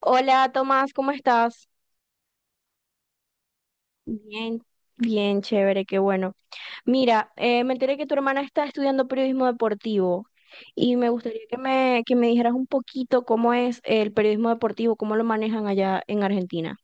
Hola Tomás, ¿cómo estás? Bien, Bien, chévere, qué bueno. Mira, me enteré que tu hermana está estudiando periodismo deportivo y me gustaría que me dijeras un poquito cómo es el periodismo deportivo, cómo lo manejan allá en Argentina.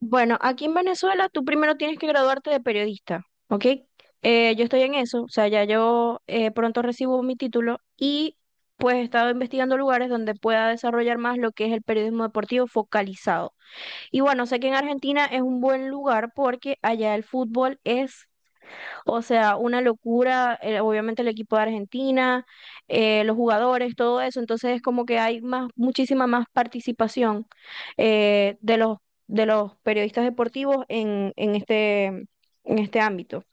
Bueno, aquí en Venezuela tú primero tienes que graduarte de periodista, ¿ok? Yo estoy en eso, o sea, ya yo pronto recibo mi título y pues he estado investigando lugares donde pueda desarrollar más lo que es el periodismo deportivo focalizado. Y bueno, sé que en Argentina es un buen lugar porque allá el fútbol es, o sea, una locura, obviamente el equipo de Argentina, los jugadores, todo eso. Entonces es como que hay más, muchísima más participación, eh, de los, de los periodistas deportivos en este ámbito.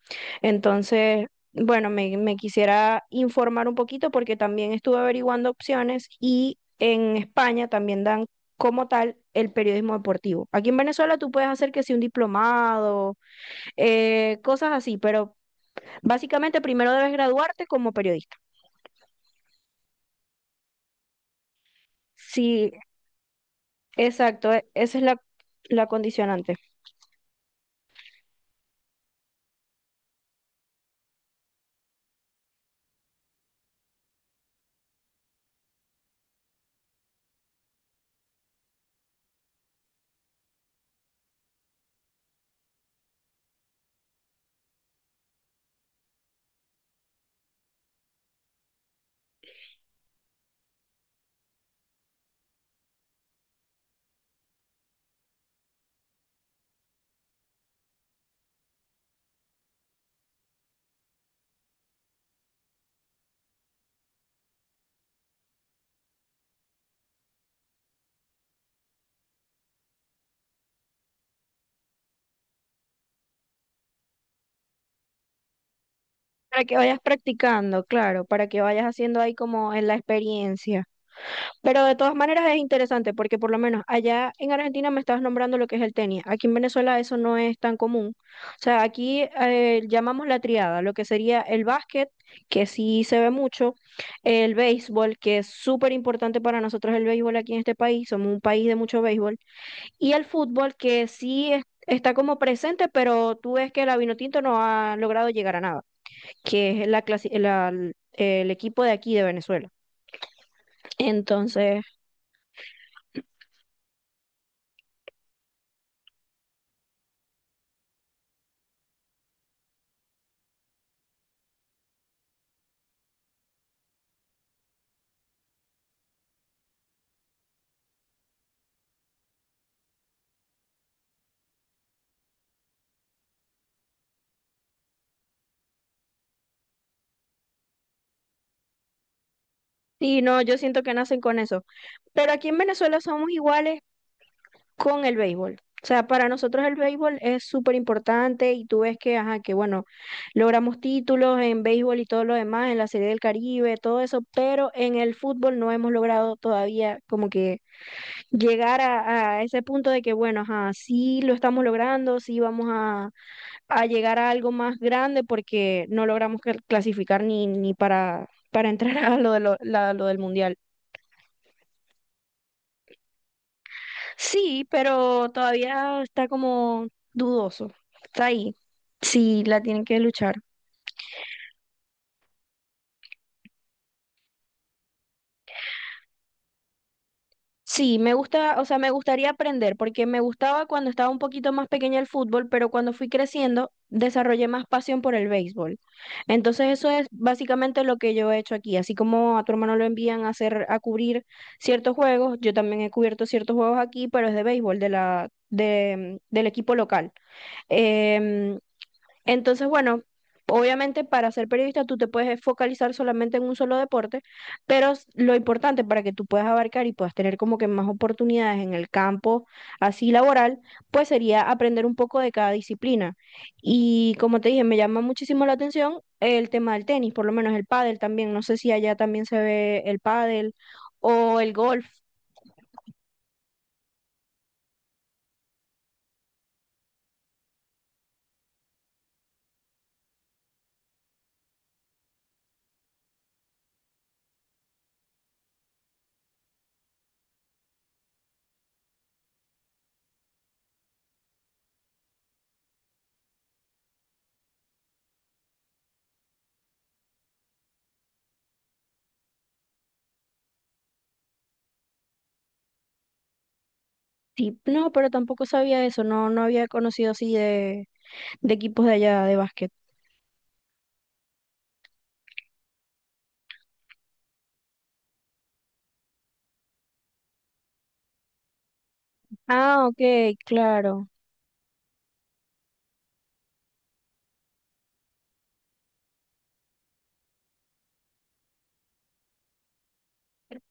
Entonces, me quisiera informar un poquito porque también estuve averiguando opciones y en España también dan como tal el periodismo deportivo. Aquí en Venezuela tú puedes hacer que si un diplomado, cosas así, pero básicamente, primero debes graduarte como periodista. Sí, exacto, esa es la, la condicionante. Para que vayas practicando, claro, para que vayas haciendo ahí como en la experiencia. Pero de todas maneras es interesante porque por lo menos allá en Argentina me estabas nombrando lo que es el tenis. Aquí en Venezuela eso no es tan común. O sea, aquí llamamos la triada, lo que sería el básquet, que sí se ve mucho, el béisbol, que es súper importante para nosotros, el béisbol aquí en este país, somos un país de mucho béisbol. Y el fútbol, que está como presente, pero tú ves que la Vinotinto no ha logrado llegar a nada, que es el equipo de aquí de Venezuela. Entonces, sí, no, yo siento que nacen con eso. Pero aquí en Venezuela somos iguales con el béisbol. O sea, para nosotros el béisbol es súper importante y tú ves que, ajá, que bueno, logramos títulos en béisbol y todo lo demás, en la Serie del Caribe, todo eso, pero en el fútbol no hemos logrado todavía como que llegar a ese punto de que, bueno, ajá, sí lo estamos logrando, sí a llegar a algo más grande porque no logramos clasificar ni para entrar a lo de lo la- lo del Mundial. Sí, pero todavía está como dudoso. Está ahí. Sí, la tienen que luchar. Sí, me gusta, o sea, me gustaría aprender, porque me gustaba cuando estaba un poquito más pequeña el fútbol, pero cuando fui creciendo desarrollé más pasión por el béisbol. Entonces eso es básicamente lo que yo he hecho aquí. Así como a tu hermano lo envían a hacer, a cubrir ciertos juegos, yo también he cubierto ciertos juegos aquí, pero es de béisbol, del equipo local. Em, Entonces, bueno, obviamente para ser periodista tú te puedes focalizar solamente en un solo deporte, pero lo importante para que tú puedas abarcar y puedas tener como que más oportunidades en el campo así laboral, pues sería aprender un poco de cada disciplina. Y como te dije, me llama muchísimo la atención el tema del tenis, por lo menos el pádel también. No sé si allá también se ve el pádel o el golf. Sí, no, pero tampoco sabía eso, no, no había conocido así de equipos de allá de básquet. Ah, ok, claro.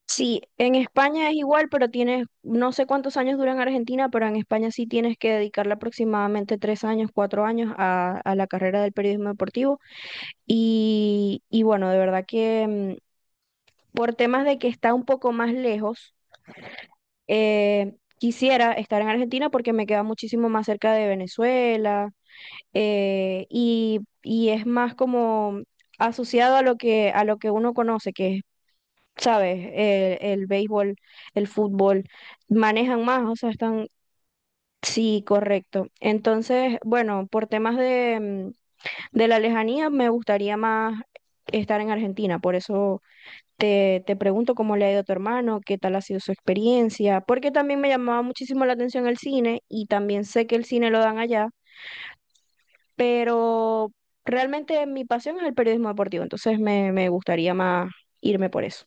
Sí, en España es igual, pero tienes, no sé cuántos años dura en Argentina, pero en España sí tienes que dedicarle aproximadamente tres años, cuatro años a la carrera del periodismo deportivo. Y bueno, de verdad que mm, por temas de que está un poco más lejos, quisiera estar en Argentina porque me queda muchísimo más cerca de Venezuela, y es más como asociado a a lo que uno conoce, que ¿sabes? El béisbol, el fútbol, manejan más, o sea, están, sí, correcto. Entonces, bueno, por temas de, mm, de la lejanía, me gustaría más estar en Argentina, por eso te pregunto cómo le ha ido a tu hermano, qué tal ha sido su experiencia, porque también me llamaba muchísimo la atención el cine y también sé que el cine lo dan allá, pero realmente mi pasión es el periodismo deportivo, entonces me gustaría más irme por eso.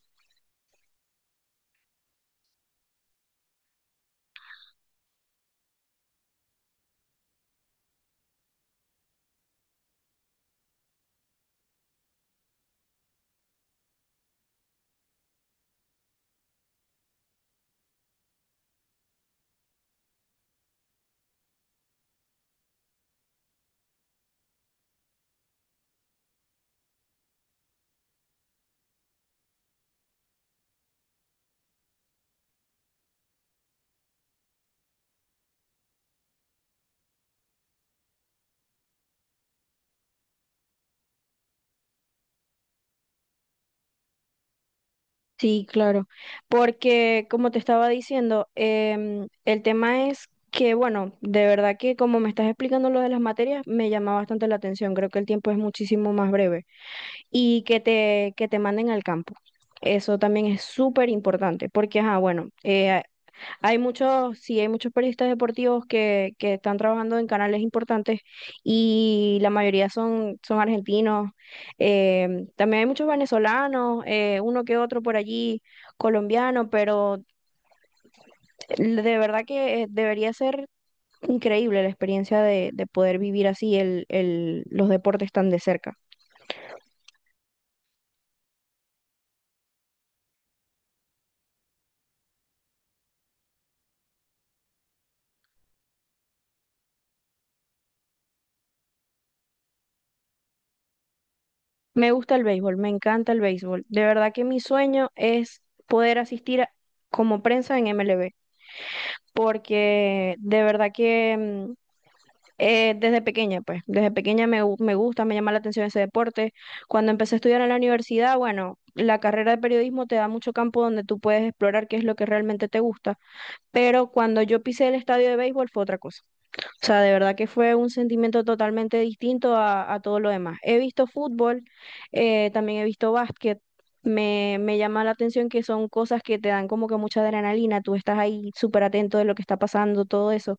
Sí, claro, porque como te estaba diciendo, el tema es que, bueno, de verdad que como me estás explicando lo de las materias, me llama bastante la atención, creo que el tiempo es muchísimo más breve y que te manden al campo. Eso también es súper importante, porque, ajá, bueno, hay muchos, sí, hay muchos periodistas deportivos que están trabajando en canales importantes y la mayoría son, son argentinos. También hay muchos venezolanos, uno que otro por allí, colombiano, pero eh, de verdad que debería ser increíble la experiencia de poder vivir así los deportes tan de cerca. Me gusta el béisbol, me encanta el béisbol. De verdad que mi sueño es poder como prensa en MLB, porque de verdad que mm, desde pequeña, pues, desde pequeña me gusta, me llama la atención ese deporte. Cuando empecé a estudiar en la universidad, bueno, la carrera de periodismo te da mucho campo donde tú puedes explorar qué es lo que realmente te gusta, pero cuando yo pisé el estadio de béisbol fue otra cosa. O sea, de verdad que fue un sentimiento totalmente distinto a todo lo demás. He visto fútbol, también he visto básquet. Me llama la atención que son cosas que te dan como que mucha adrenalina, tú estás ahí súper atento de lo que está pasando, todo eso.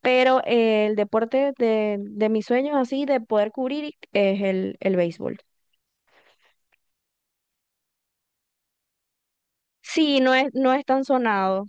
Pero el deporte de mis sueños así, de poder cubrir, es el béisbol. Sí, no es, no es tan sonado.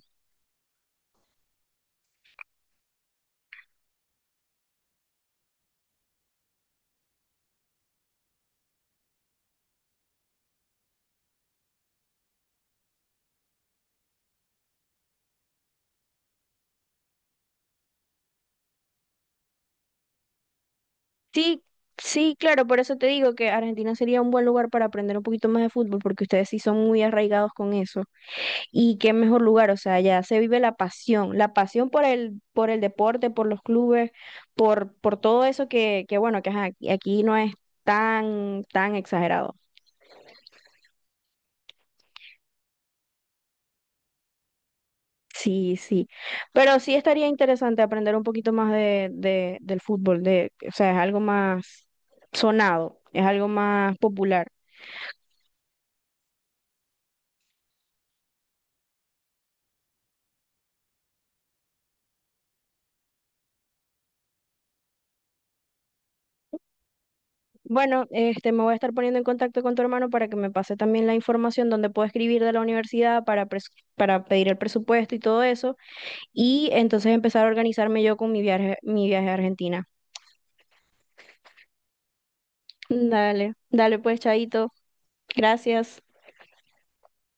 Sí, sí, claro, por eso te digo que Argentina sería un buen lugar para aprender un poquito más de fútbol, porque ustedes sí son muy arraigados con eso. Y qué mejor lugar, o sea, ya se vive la pasión por el deporte, por los clubes, por todo eso que bueno, que ajá, aquí no es tan, tan exagerado. Sí, sí. Pero sí estaría interesante aprender un poquito más de, del fútbol, de, o sea, es algo más sonado, es algo más popular. Bueno, este, me voy a estar poniendo en contacto con tu hermano para que me pase también la información donde puedo escribir de la universidad para, para pedir el presupuesto y todo eso. Y entonces empezar a organizarme yo con mi viaje a Argentina. Dale, dale pues, Chaito. Gracias.